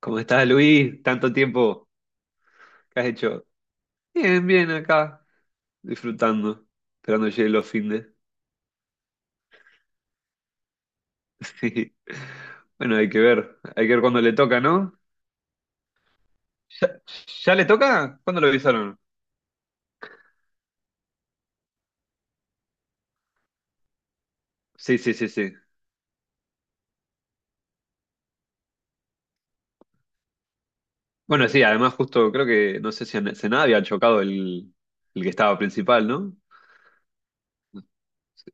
¿Cómo estás, Luis? Tanto tiempo que has hecho. Bien, bien acá, disfrutando, esperando llegue los findes. Sí. Bueno, hay que ver cuándo le toca, ¿no? ¿Ya, ya le toca? ¿Cuándo lo avisaron? Sí, sí, sí, sí. Bueno, sí, además justo creo que no sé si a Senada había chocado el que estaba principal, ¿no?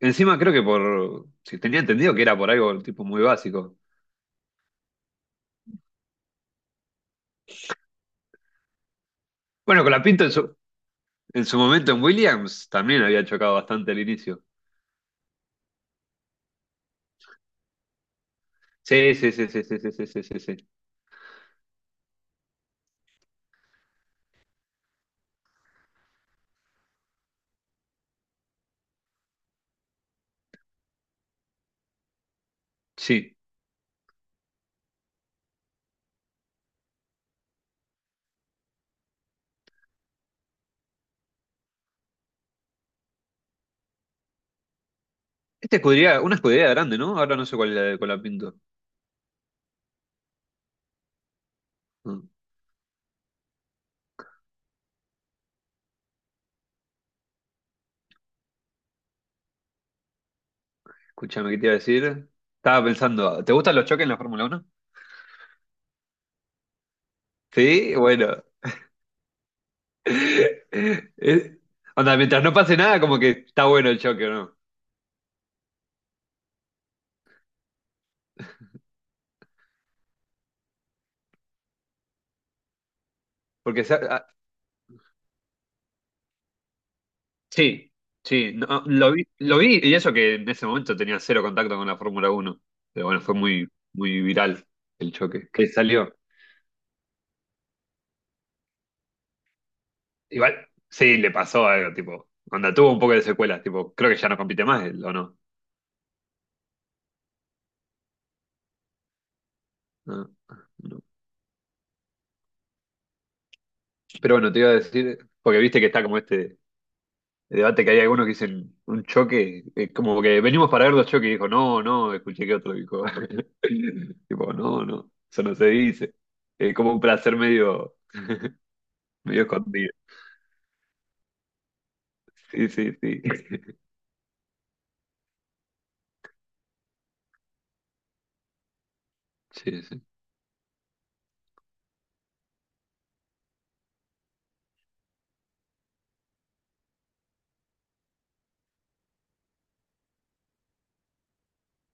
Encima creo que por, si tenía entendido que era por algo tipo muy básico. Bueno, con la Pinto en su momento en Williams también había chocado bastante al inicio. Sí, sí, sí, sí, sí, sí, sí, sí, sí, sí. Sí. Esta escudería, una escudería grande, ¿no? Ahora no sé cuál, es la de Colapinto. Mm. Escúchame, ¿qué te iba a decir? Estaba pensando, ¿te gustan los choques en la Fórmula Uno? Sí, bueno. Es- Anda, mientras no pase nada, como que está bueno el choque, ¿no? Porque se- ah, sí, sí, no, lo vi, y eso que en ese momento tenía cero contacto con la Fórmula Uno. Pero bueno, fue muy, muy viral el choque. Que salió. Igual, sí, le pasó algo, tipo. Anda, tuvo un poco de secuelas, tipo, creo que ya no compite más él, ¿o no? No, no. Pero bueno, te iba a decir, porque viste que está como este debate que hay algunos que dicen un choque, como que venimos para ver dos choques, y dijo, no, no, escuché que otro dijo, tipo, no, no, eso no se dice. Es como un placer medio, medio escondido. Sí, sí, sí. Sí, sí.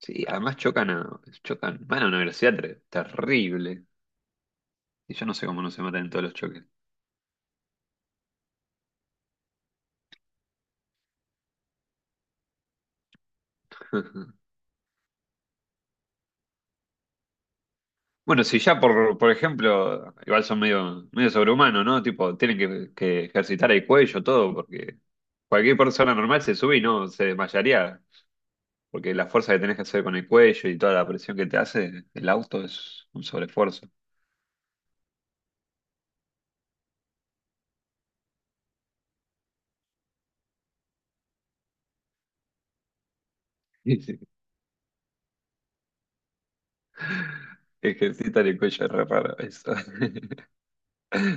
Sí, además chocan, van a una velocidad terrible. Y yo no sé cómo no se matan en todos los choques. Bueno, si ya por ejemplo, igual son medio, medio sobrehumanos, ¿no? Tipo, tienen que ejercitar el cuello, todo, porque cualquier persona normal se sube y no se desmayaría, porque la fuerza que tenés que hacer con el cuello y toda la presión que te hace el auto es un sobreesfuerzo. Y si Ejercitar el cuello es re raro, eso.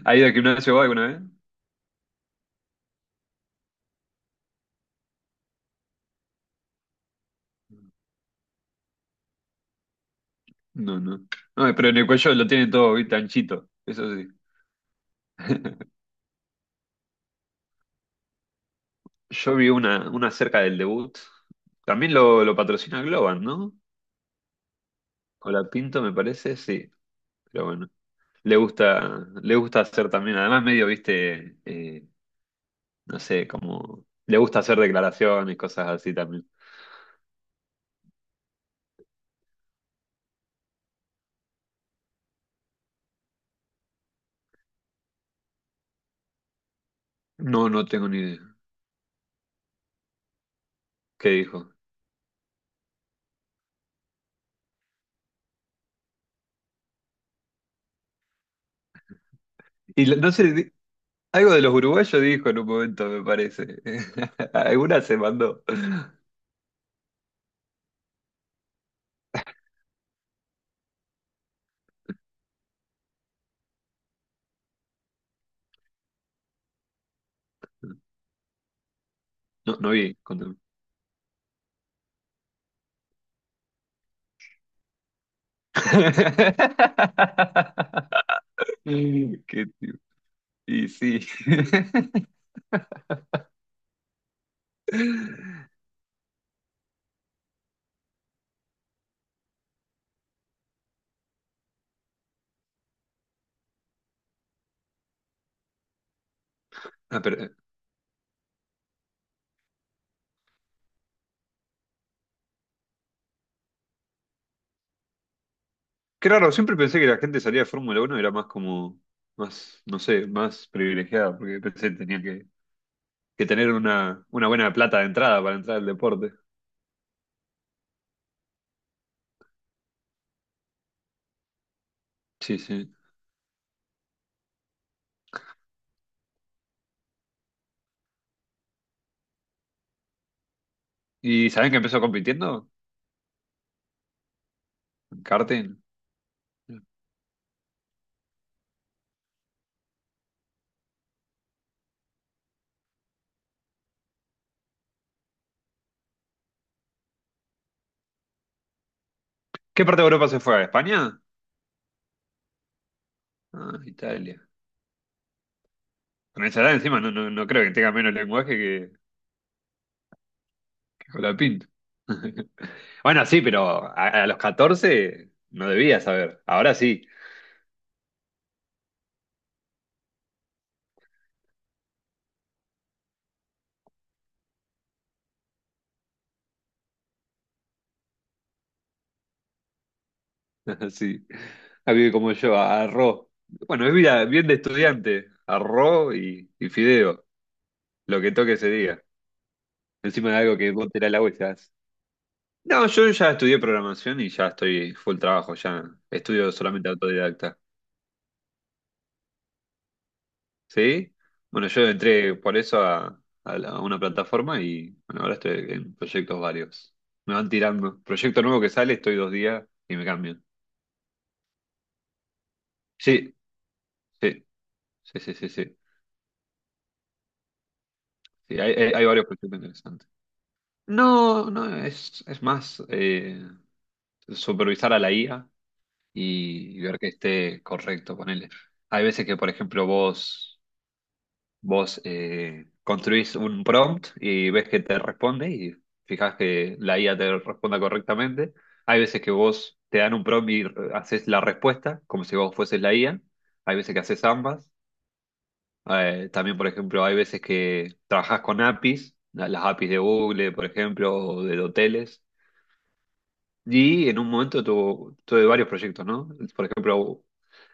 ¿Ha ido al gimnasio vos alguna vez? No, no. No, pero en el cuello lo tienen todo, ¿viste? Anchito. Eso sí. Yo vi una cerca del debut. Lo patrocina Globan, ¿no? Pinto me parece, sí, pero bueno. Le gusta hacer también, además medio, viste, no sé, como... Le gusta hacer declaraciones, cosas así también. No, no tengo ni idea qué dijo. No sé, algo de los uruguayos dijo en un momento, me parece. Alguna se mandó. No, no vi, contame. Qué tío. Y sí. Ah, pero eh, qué raro, siempre pensé que la gente salía de Fórmula Uno era más como, más, no sé, más privilegiada, porque pensé que tenía que tener una buena plata de entrada para entrar al deporte. Sí, sí. ¿Y saben que empezó compitiendo? En karting. ¿Qué parte de Europa se fue? ¿A España? Ah, Italia. Con esa edad encima no, no, no creo que tenga menos lenguaje que Colapinto. Bueno, sí, pero a los 14 no debía saber. Ahora sí. Sí, alguien como yo, arroz. Bueno, es vida bien de estudiante, arroz y fideo, lo que toque ese día. Encima de algo que vos tirás la vuelta. No, yo ya estudié programación y ya estoy full trabajo, ya estudio solamente autodidacta. ¿Sí? Bueno, yo entré por eso a, a una plataforma y bueno, ahora estoy en proyectos varios. Me van tirando. Proyecto nuevo que sale, estoy dos días y me cambian. Sí, sí, sí, sí, sí, sí. Sí, hay, hay varios proyectos interesantes. No, no, es más supervisar a la IA y ver que esté correcto, ponele. Hay veces que, por ejemplo, vos, vos construís un prompt y ves que te responde y fijás que la IA te responda correctamente. Hay veces que vos te dan un prompt y haces la respuesta como si vos fueses la IA. Hay veces que haces ambas. También, por ejemplo, hay veces que trabajás con APIs, las APIs de Google, por ejemplo, o de hoteles. Y en un momento tuve varios proyectos, ¿no? Por ejemplo,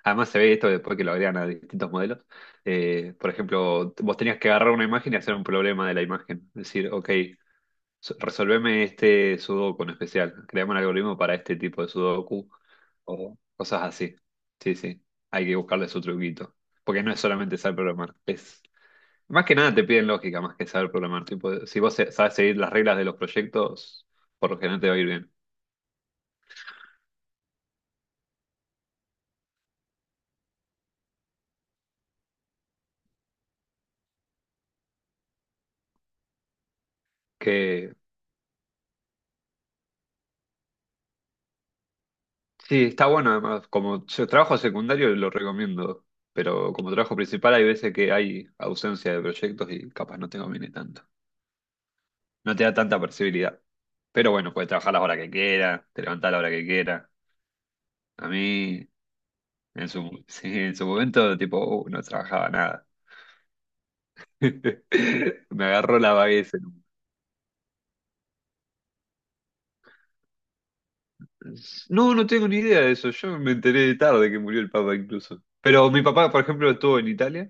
además se ve esto después que lo agregan a distintos modelos. Por ejemplo, vos tenías que agarrar una imagen y hacer un problema de la imagen. Es decir, ok, resolveme este sudoku en especial. Creamos un algoritmo para este tipo de sudoku o cosas así. Sí, sí. Hay que buscarle su truquito. Porque no es solamente saber programar. Es, más que nada te piden lógica más que saber programar. Tipo, si vos sabes seguir las reglas de los proyectos, por lo general te va a ir bien. ¿Qué, Sí, está bueno además. Como yo trabajo secundario lo recomiendo, pero como trabajo principal hay veces que hay ausencia de proyectos y capaz no te conviene tanto. No te da tanta flexibilidad. Pero bueno, puedes trabajar la hora que quieras, te levantás a la hora que quieras. A mí, en su, sí, en su momento, tipo, no trabajaba nada. Me agarró la vaguez. No, no tengo ni idea de eso. Yo me enteré tarde que murió el Papa incluso. Pero mi papá, por ejemplo, estuvo en Italia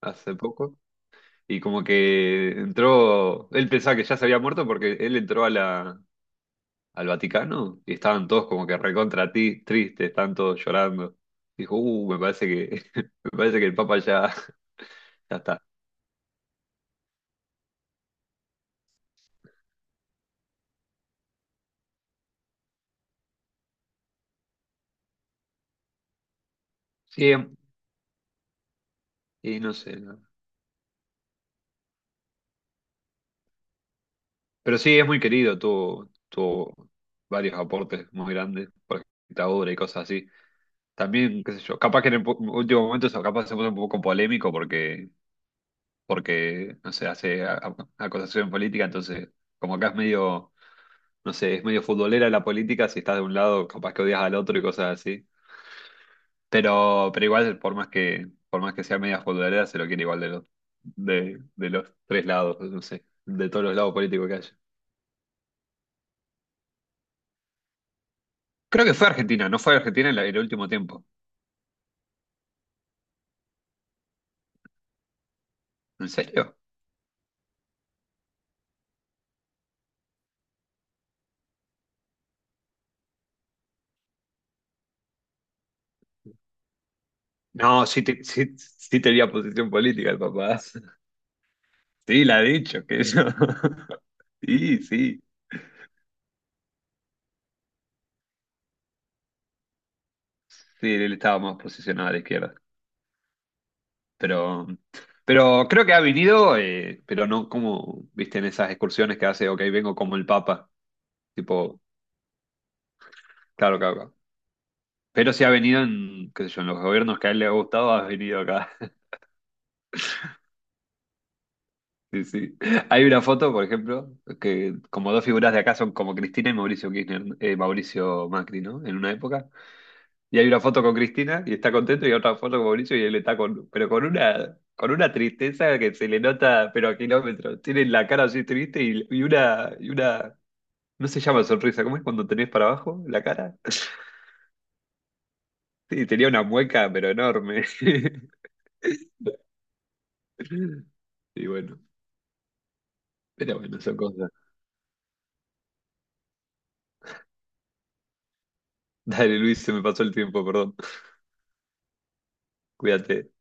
hace poco. Y como que entró, él pensaba que ya se había muerto porque él entró a la, al Vaticano y estaban todos como que recontra tristes, estaban todos llorando. Dijo, me parece que, me parece que el Papa ya, ya está. Sí, y no sé. No. Pero sí, es muy querido, tuvo, tuvo varios aportes muy grandes por esta obra y cosas así. También, qué sé yo, capaz que en el último momento eso capaz se puso un poco polémico porque, porque no sé, hace acusación política, entonces como acá es medio no sé, es medio futbolera la política, si estás de un lado, capaz que odias al otro y cosas así. Pero igual, por más que sea media futbolera, se lo quiere igual de los tres lados, no sé, de todos los lados políticos que haya. Creo que fue Argentina, no fue Argentina en en el último tiempo. ¿En serio? No, sí, sí, sí tenía posición política el papá. Sí, la ha dicho, que eso. Sí, sí, sí, él estaba más posicionado a la izquierda. Pero, pero creo que ha venido, pero no como, viste, en esas excursiones que hace, ok, vengo como el Papa. Tipo, claro, claro, claro. Pero sí ha venido en, qué sé yo, en los gobiernos que a él le ha gustado, ha venido acá. Sí, sí. Hay una foto, por ejemplo, que como dos figuras de acá son como Cristina y Mauricio Kirchner, Mauricio Macri, ¿no? En una época. Y hay una foto con Cristina y está contento y otra foto con Mauricio y él está con, pero con una tristeza que se le nota, pero a kilómetros. Tiene la cara así triste y una No se llama sonrisa, ¿cómo es cuando tenés para abajo la cara? Y tenía una mueca, pero enorme. Y bueno, pero bueno, son cosas. Dale, Luis, se me pasó el tiempo, perdón. Cuídate.